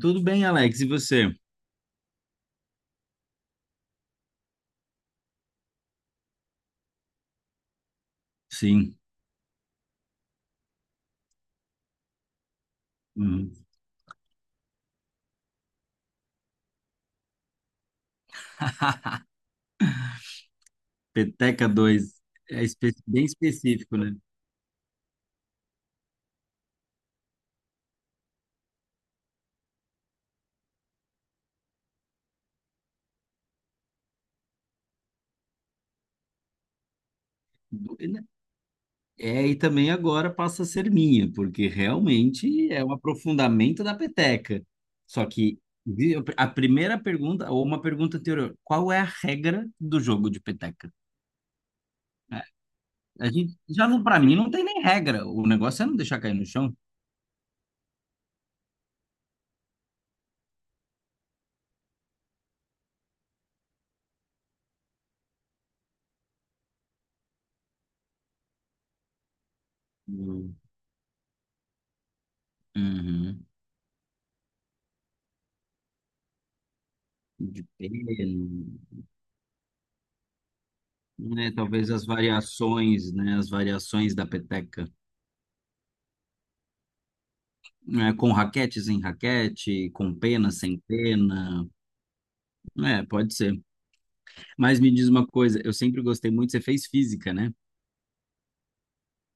Tudo bem, Alex? E você? Sim. Uhum. Peteca dois bem específico, né? Do- É, e também agora passa a ser minha, porque realmente é um aprofundamento da peteca. Só que a primeira pergunta, ou uma pergunta anterior, qual é a regra do jogo de peteca? A a gente, já não, para mim, não tem nem regra. O negócio é não deixar cair no chão. Uhum. Uhum. De pé, né, talvez as variações, né, as variações da peteca, né, com raquete, sem raquete, com pena, sem pena, é, pode ser. Mas me diz uma coisa, eu sempre gostei muito, você fez física, né?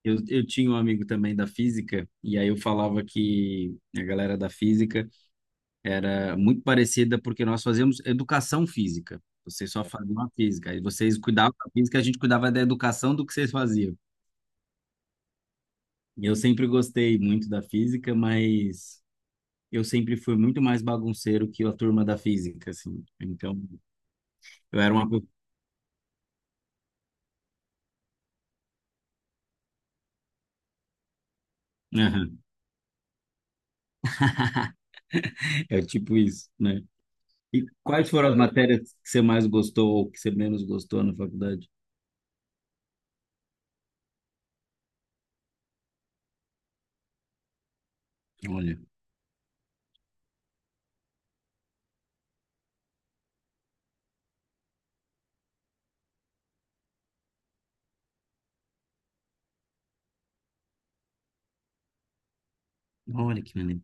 Eu tinha um amigo também da física, e aí eu falava que a galera da física era muito parecida porque nós fazíamos educação física. Vocês só faziam a física, aí vocês cuidavam da física, a gente cuidava da educação do que vocês faziam. E eu sempre gostei muito da física, mas eu sempre fui muito mais bagunceiro que a turma da física, assim. Então, eu era uma. Pe- Aham, é tipo isso, né? E quais foram as matérias que você mais gostou ou que você menos gostou na faculdade? Olha, olha que maneiro.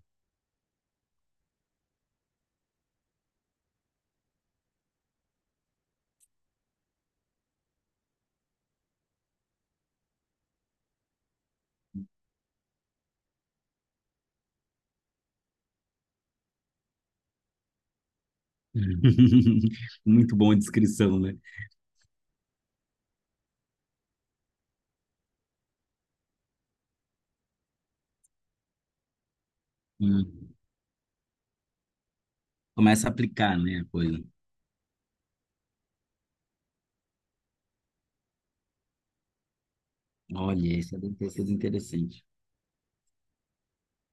Hum. Muito bom a descrição, né? Hum. Começa a aplicar, né, a coisa. Olha, isso é bem isso é interessante.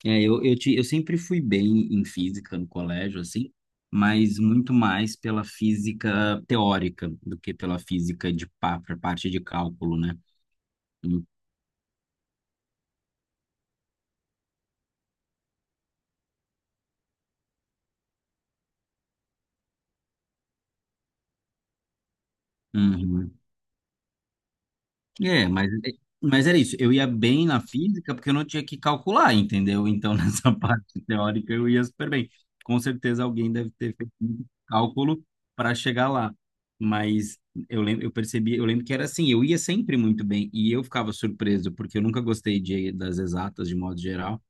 É, eu sempre fui bem em física no colégio, assim, mas muito mais pela física teórica do que pela física de pra parte de cálculo, né? Uhum. É, mas, é, mas era isso. Eu ia bem na física porque eu não tinha que calcular, entendeu? Então, nessa parte teórica, eu ia super bem. Com certeza, alguém deve ter feito um cálculo para chegar lá. Mas eu lembro, eu percebi, eu lembro que era assim, eu ia sempre muito bem e eu ficava surpreso porque eu nunca gostei de, das exatas de modo geral,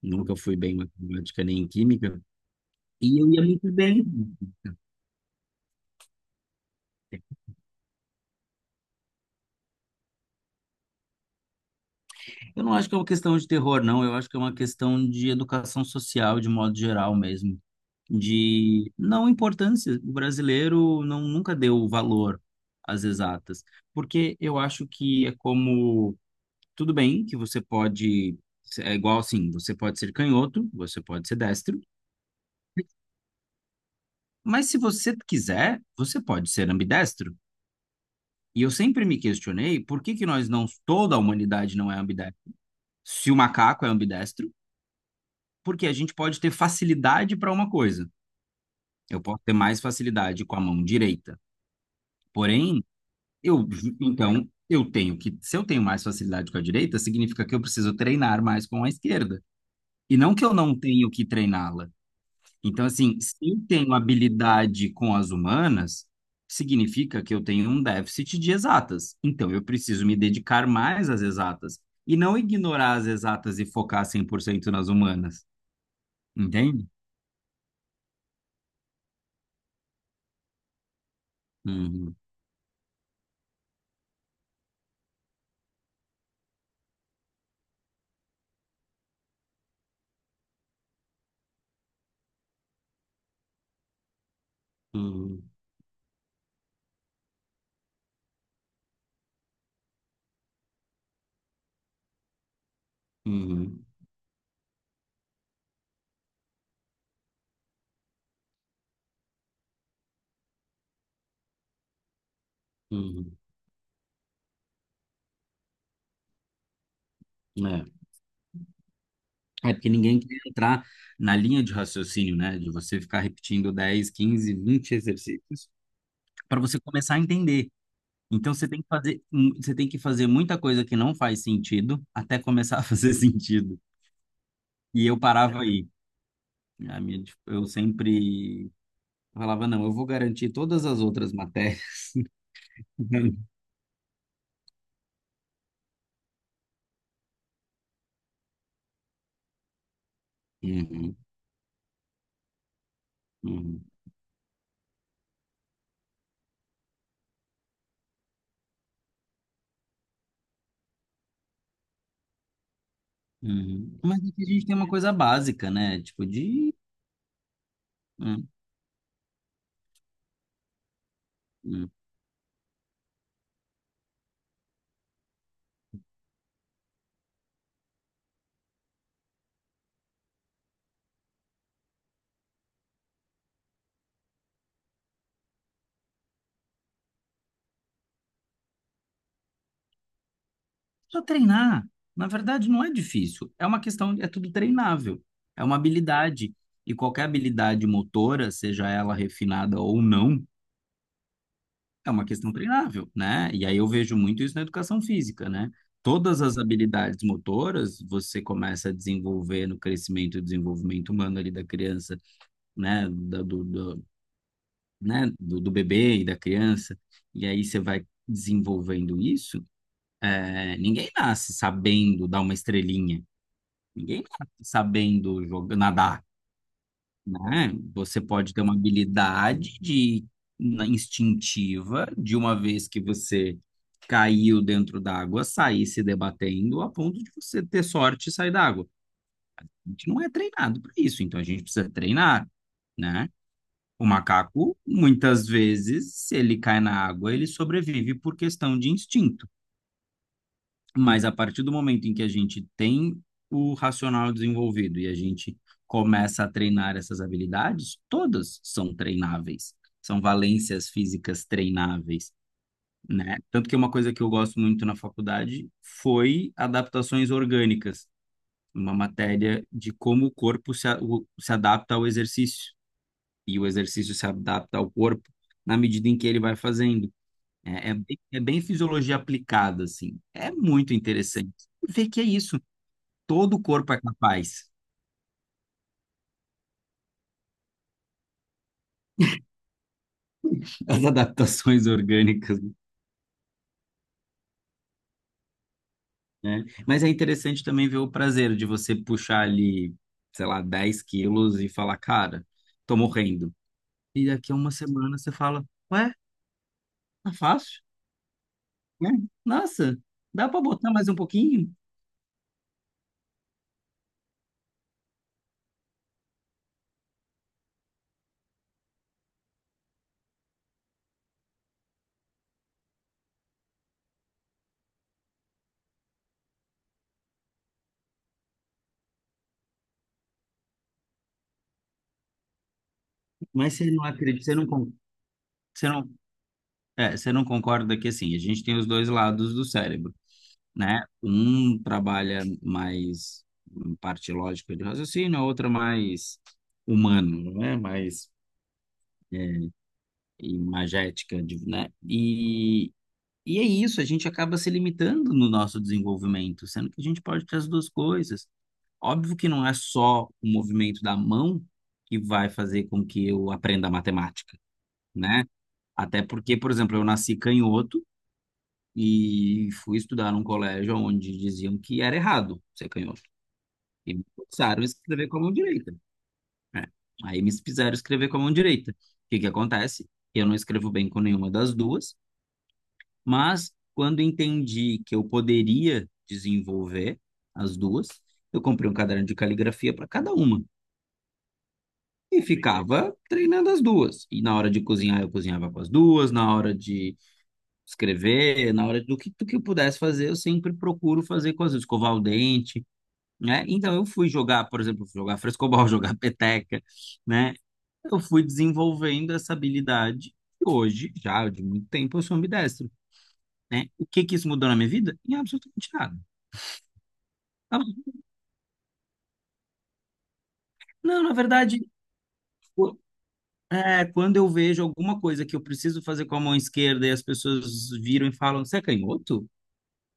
nunca fui bem em matemática nem em química e eu ia muito bem. Eu não acho que é uma questão de terror, não. Eu acho que é uma questão de educação social, de modo geral mesmo. De não importância. O brasileiro não, nunca deu valor às exatas. Porque eu acho que é como. Tudo bem que você pode. É igual assim: você pode ser canhoto, você pode ser destro. Mas se você quiser, você pode ser ambidestro. E eu sempre me questionei por que que nós não. Toda a humanidade não é ambidestra. Se o macaco é ambidestro porque a gente pode ter facilidade para uma coisa. Eu posso ter mais facilidade com a mão direita. Porém, eu então eu tenho que, se eu tenho mais facilidade com a direita, significa que eu preciso treinar mais com a esquerda. E não que eu não tenho que treiná-la. Então, assim, se eu tenho habilidade com as humanas, significa que eu tenho um déficit de exatas. Então, eu preciso me dedicar mais às exatas e não ignorar as exatas e focar 100% nas humanas. Entende? Uhum. Uhum. Uhum, uhum. É. É porque ninguém quer entrar na linha de raciocínio, né? De você ficar repetindo 10 15 20 exercícios para você começar a entender. Então você tem que você tem que fazer muita coisa que não faz sentido até começar a fazer sentido. E eu parava aí. Eu sempre falava, não, eu vou garantir todas as outras matérias. Uhum, uhum, uhum. Mas é a gente tem uma coisa básica, né? Tipo de. Hum, hum. Só treinar. Na verdade, não é difícil. É uma questão, é tudo treinável. É uma habilidade. E qualquer habilidade motora, seja ela refinada ou não, é uma questão treinável, né? E aí eu vejo muito isso na educação física, né? Todas as habilidades motoras você começa a desenvolver no crescimento e desenvolvimento humano ali da criança, né? Né? do bebê e da criança. E aí você vai desenvolvendo isso. É, ninguém nasce sabendo dar uma estrelinha. Ninguém nasce sabendo jogar, nadar, né? Você pode ter uma habilidade instintiva de uma vez que você caiu dentro d'água, sair se debatendo a ponto de você ter sorte e sair d'água. A gente não é treinado para isso, então a gente precisa treinar, né? O macaco, muitas vezes, se ele cai na água, ele sobrevive por questão de instinto. Mas a partir do momento em que a gente tem o racional desenvolvido e a gente começa a treinar essas habilidades, todas são treináveis, são valências físicas treináveis, né? Tanto que uma coisa que eu gosto muito na faculdade foi adaptações orgânicas, uma matéria de como o corpo se, a- o- se adapta ao exercício e o exercício se adapta ao corpo na medida em que ele vai fazendo. É bem fisiologia aplicada, assim. É muito interessante. E ver que é isso. Todo o corpo é capaz das adaptações orgânicas, né? Mas é interessante também ver o prazer de você puxar ali, sei lá, 10 quilos e falar, cara, tô morrendo. E daqui a uma semana você fala, ué, tá fácil, né? Nossa, dá pra botar mais um pouquinho? Mas você não acredita, você não, é, você não concorda que, assim, a gente tem os dois lados do cérebro. Né? Um trabalha mais parte lógica de raciocínio, a outra mais humano, né? Mais imagética, né? E é isso, a gente acaba se limitando no nosso desenvolvimento, sendo que a gente pode ter as duas coisas. Óbvio que não é só o movimento da mão que vai fazer com que eu aprenda matemática, né? Até porque, por exemplo, eu nasci canhoto e fui estudar num colégio onde diziam que era errado ser canhoto. E me forçaram a escrever com a mão direita. É. Aí me fizeram escrever com a mão direita. O que que acontece? Eu não escrevo bem com nenhuma das duas, mas quando entendi que eu poderia desenvolver as duas, eu comprei um caderno de caligrafia para cada uma. E ficava treinando as duas. E na hora de cozinhar, eu cozinhava com as duas. Na hora de escrever, na hora do que eu pudesse fazer, eu sempre procuro fazer com as duas. Escovar o dente. Né? Então eu fui jogar, por exemplo, fui jogar frescobol, jogar peteca, né? Eu fui desenvolvendo essa habilidade e hoje, já de muito tempo, eu sou ambidestro, né? O que que isso mudou na minha vida? Em absolutamente nada. Então, não, na verdade, o- quando eu vejo alguma coisa que eu preciso fazer com a mão esquerda e as pessoas viram e falam, você é canhoto?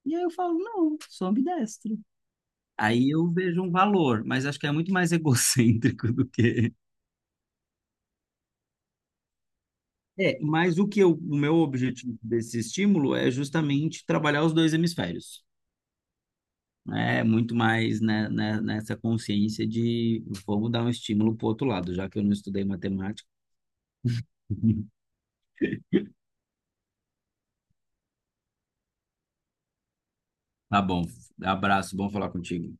E aí eu falo, não, sou ambidestro. Aí eu vejo um valor, mas acho que é muito mais egocêntrico do que é, mas o que eu, o meu objetivo desse estímulo é justamente trabalhar os dois hemisférios, né? Muito mais né, né, nessa consciência de vamos dar um estímulo para o outro lado, já que eu não estudei matemática. Tá bom, abraço, bom falar contigo.